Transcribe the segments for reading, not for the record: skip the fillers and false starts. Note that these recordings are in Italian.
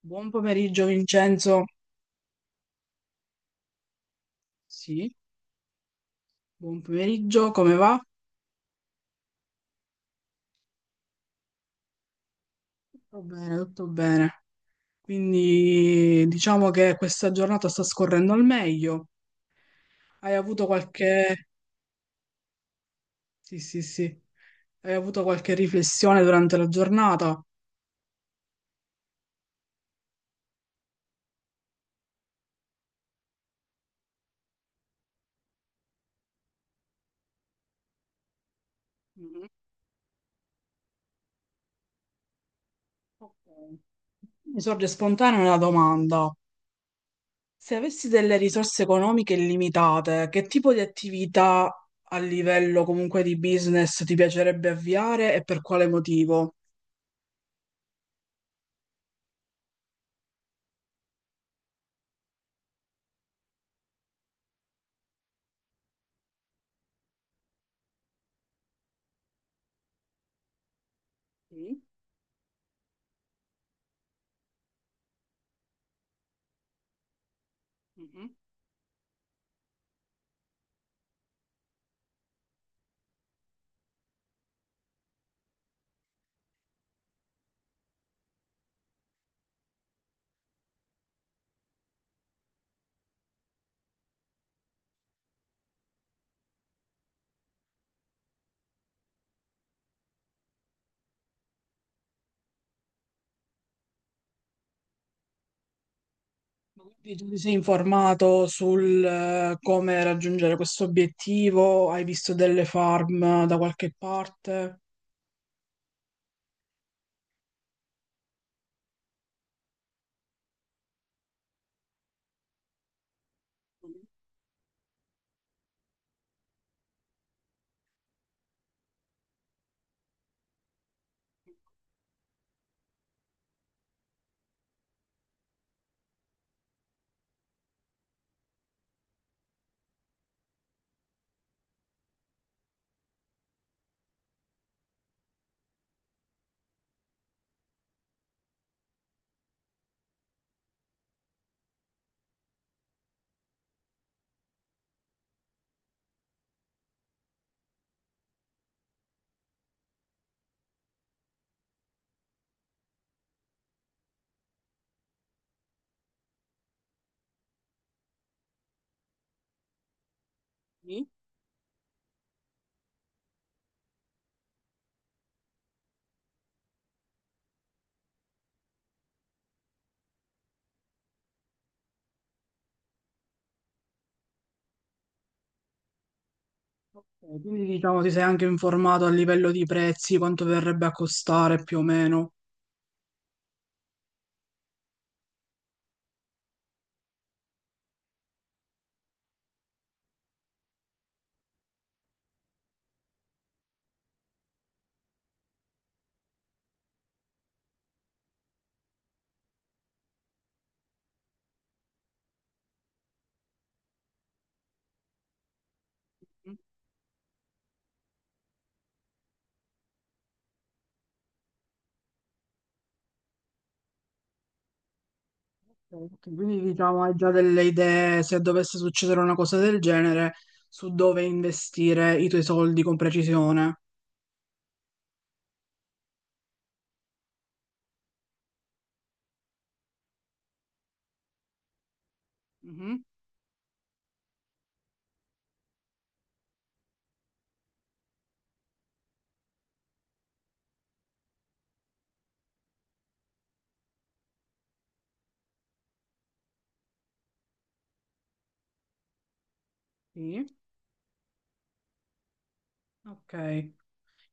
Buon pomeriggio Vincenzo. Sì, buon pomeriggio, come va? Tutto bene, tutto bene. Quindi diciamo che questa giornata sta scorrendo al meglio. Hai avuto qualche... Sì, sì, sì. Hai avuto qualche riflessione durante la giornata? Mhm. Ok. Mi sorge spontanea una domanda. Se avessi delle risorse economiche illimitate, che tipo di attività a livello comunque di business ti piacerebbe avviare e per quale motivo? Sì. Mhm. Ma quindi tu ti sei informato sul come raggiungere questo obiettivo? Hai visto delle farm da qualche parte? Sì. Ok, quindi diciamo ti sei anche informato a livello di prezzi, quanto verrebbe a costare più o meno. Mhm. Ok, quindi diciamo hai già delle idee se dovesse succedere una cosa del genere su dove investire i tuoi soldi con precisione. Mhm. Sì. Ok,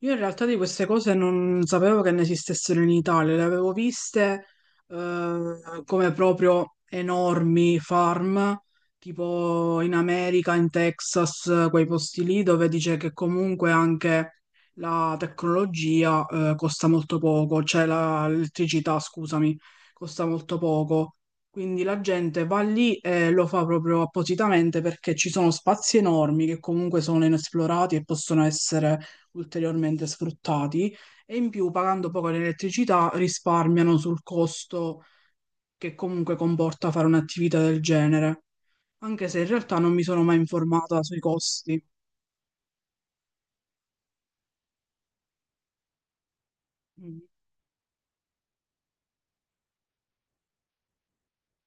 io in realtà di queste cose non sapevo che ne esistessero in Italia, le avevo viste eh, come proprio enormi farm, tipo in America, in Texas, quei posti lì dove dice che comunque anche la tecnologia costa molto poco, cioè l'elettricità, scusami, costa molto poco. Quindi la gente va lì e lo fa proprio appositamente perché ci sono spazi enormi che comunque sono inesplorati e possono essere ulteriormente sfruttati e in più pagando poco l'elettricità risparmiano sul costo che comunque comporta fare un'attività del genere, anche se in realtà non mi sono mai informata sui costi. Mm,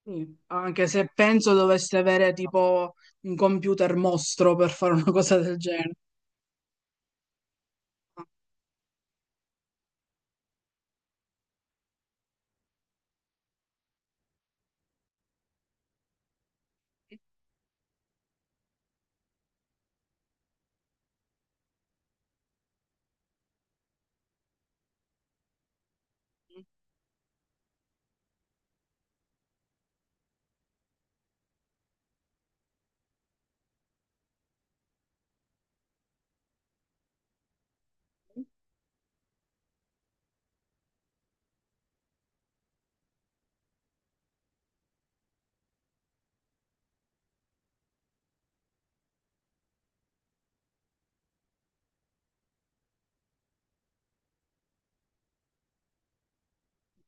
sì. Anche se penso doveste avere tipo un computer mostro per fare una cosa del genere.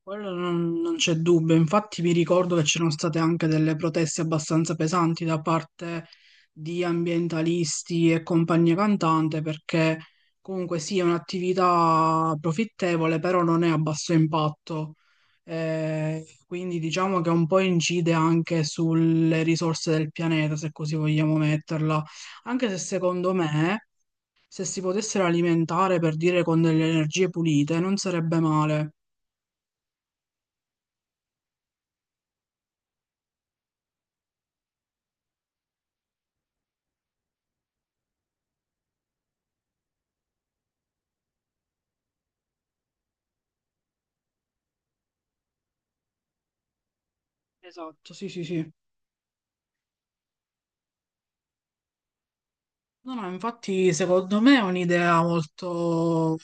Quello non c'è dubbio, infatti mi ricordo che c'erano state anche delle proteste abbastanza pesanti da parte di ambientalisti e compagnia cantante perché comunque sì è un'attività profittevole però non è a basso impatto, quindi diciamo che un po' incide anche sulle risorse del pianeta se così vogliamo metterla, anche se secondo me se si potessero alimentare per dire con delle energie pulite non sarebbe male. Esatto, sì, sì, sì. No, no, infatti secondo me è un'idea molto,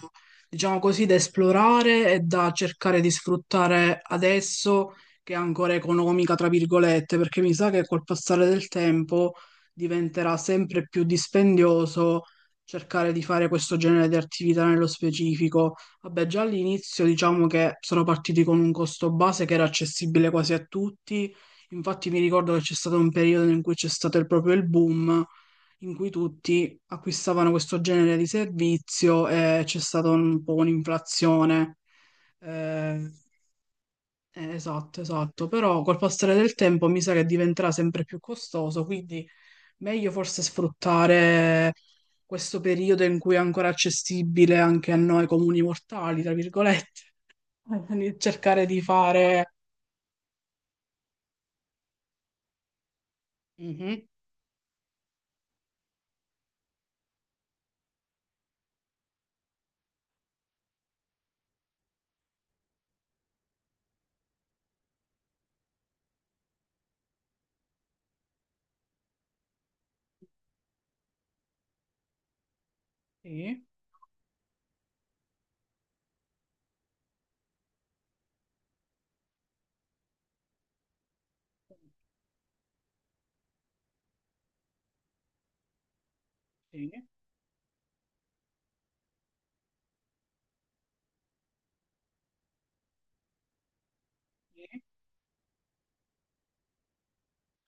diciamo così, da esplorare e da cercare di sfruttare adesso che è ancora economica, tra virgolette, perché mi sa che col passare del tempo diventerà sempre più dispendioso cercare di fare questo genere di attività nello specifico. Vabbè, già all'inizio diciamo che sono partiti con un costo base che era accessibile quasi a tutti, infatti mi ricordo che c'è stato un periodo in cui c'è stato proprio il boom in cui tutti acquistavano questo genere di servizio e c'è stata un po' un'inflazione. Eh, esatto, esatto. Però col passare del tempo mi sa che diventerà sempre più costoso, quindi meglio forse sfruttare questo periodo in cui è ancora accessibile anche a noi comuni mortali, tra virgolette. Quindi cercare di fare... Mhm. Sì, sì, sì.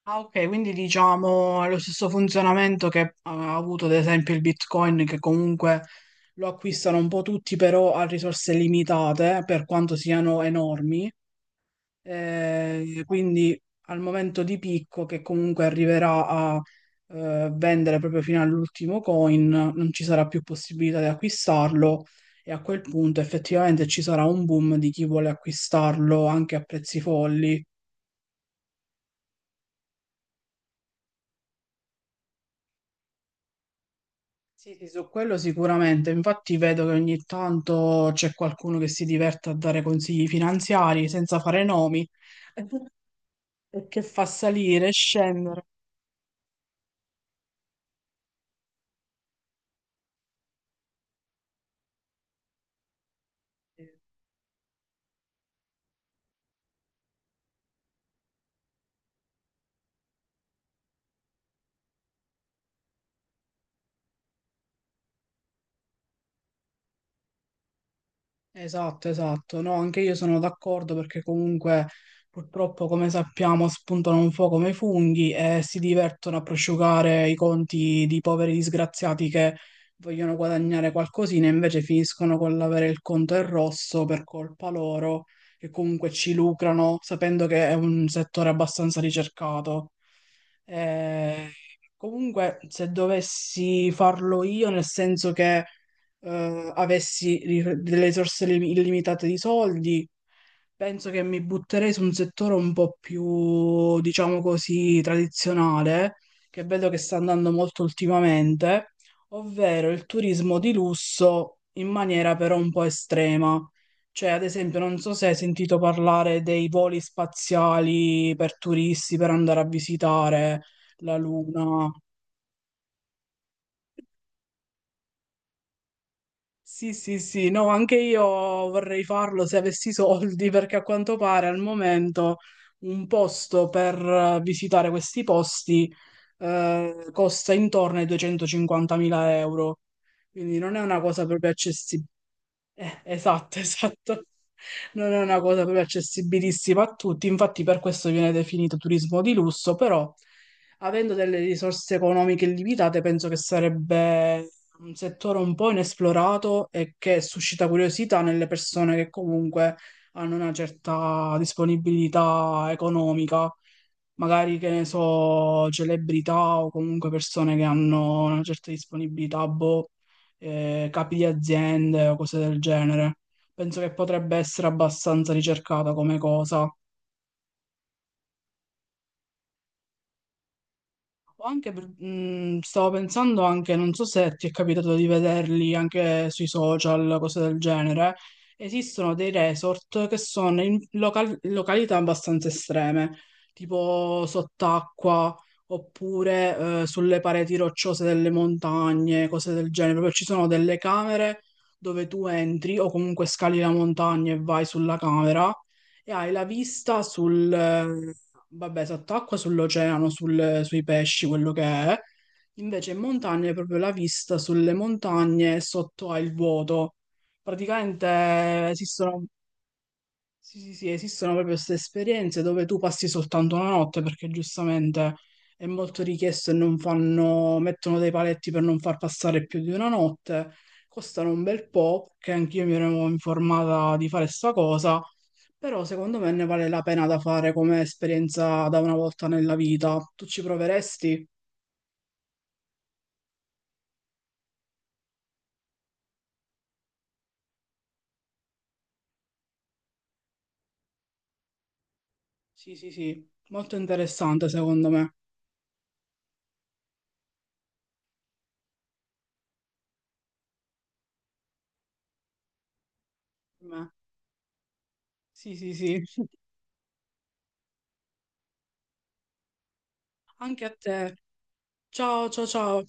Ah, ok, quindi diciamo ha lo stesso funzionamento che ha avuto ad esempio il Bitcoin, che comunque lo acquistano un po' tutti, però a risorse limitate, per quanto siano enormi. Quindi al momento di picco, che comunque arriverà a vendere proprio fino all'ultimo coin, non ci sarà più possibilità di acquistarlo e a quel punto effettivamente ci sarà un boom di chi vuole acquistarlo anche a prezzi folli. Sì, sì, su quello sicuramente. Infatti vedo che ogni tanto c'è qualcuno che si diverte a dare consigli finanziari senza fare nomi e che fa salire e scendere. Esatto, esatto. No, anche io sono d'accordo perché comunque purtroppo, come sappiamo, spuntano un po' come i funghi e si divertono a prosciugare i conti di poveri disgraziati che vogliono guadagnare qualcosina e invece finiscono con l'avere il conto in rosso per colpa loro, che comunque ci lucrano, sapendo che è un settore abbastanza ricercato. Eh, Comunque, se dovessi farlo io, nel senso che avessi delle risorse illimitate di soldi, penso che mi butterei su un settore un po' più, diciamo così, tradizionale, che vedo che sta andando molto ultimamente, ovvero il turismo di lusso in maniera però un po' estrema. Cioè, ad esempio, non so se hai sentito parlare dei voli spaziali per turisti per andare a visitare la Luna. Sì, sì, sì, no, anche io vorrei farlo se avessi i soldi, perché a quanto pare al momento un posto per visitare questi posti costa intorno ai 250.000 euro, quindi non è una cosa proprio. Esatto, esatto. Non è una cosa proprio accessibilissima a tutti, infatti per questo viene definito turismo di lusso, però avendo delle risorse economiche limitate, penso che sarebbe un settore un po' inesplorato e che suscita curiosità nelle persone che comunque hanno una certa disponibilità economica magari che ne so, celebrità o comunque persone che hanno una certa disponibilità, boh, capi di aziende o cose del genere. Penso che potrebbe essere abbastanza ricercata come cosa. O anche, stavo pensando anche, non so se ti è capitato di vederli anche sui social, cose del genere, esistono dei resort che sono in località abbastanza estreme, tipo sott'acqua oppure sulle pareti rocciose delle montagne, cose del genere. Proprio ci sono delle camere dove tu entri o comunque scali la montagna e vai sulla camera e hai la vista, vabbè, sott'acqua, sull'oceano, sui pesci, quello che è. Invece in montagna hai proprio la vista sulle montagne e sotto hai il vuoto. Praticamente esistono. Sì, sì, sì, esistono proprio queste esperienze dove tu passi soltanto una notte perché giustamente è molto richiesto e non fanno, mettono dei paletti per non far passare più di una notte, costano un bel po', che anch'io mi ero informata di fare sta cosa, però secondo me ne vale la pena da fare come esperienza da una volta nella vita. Tu ci proveresti? Sì, sì, sì, molto interessante secondo me. Me. Sì, sì, sì. Anche a te. Ciao, ciao, ciao.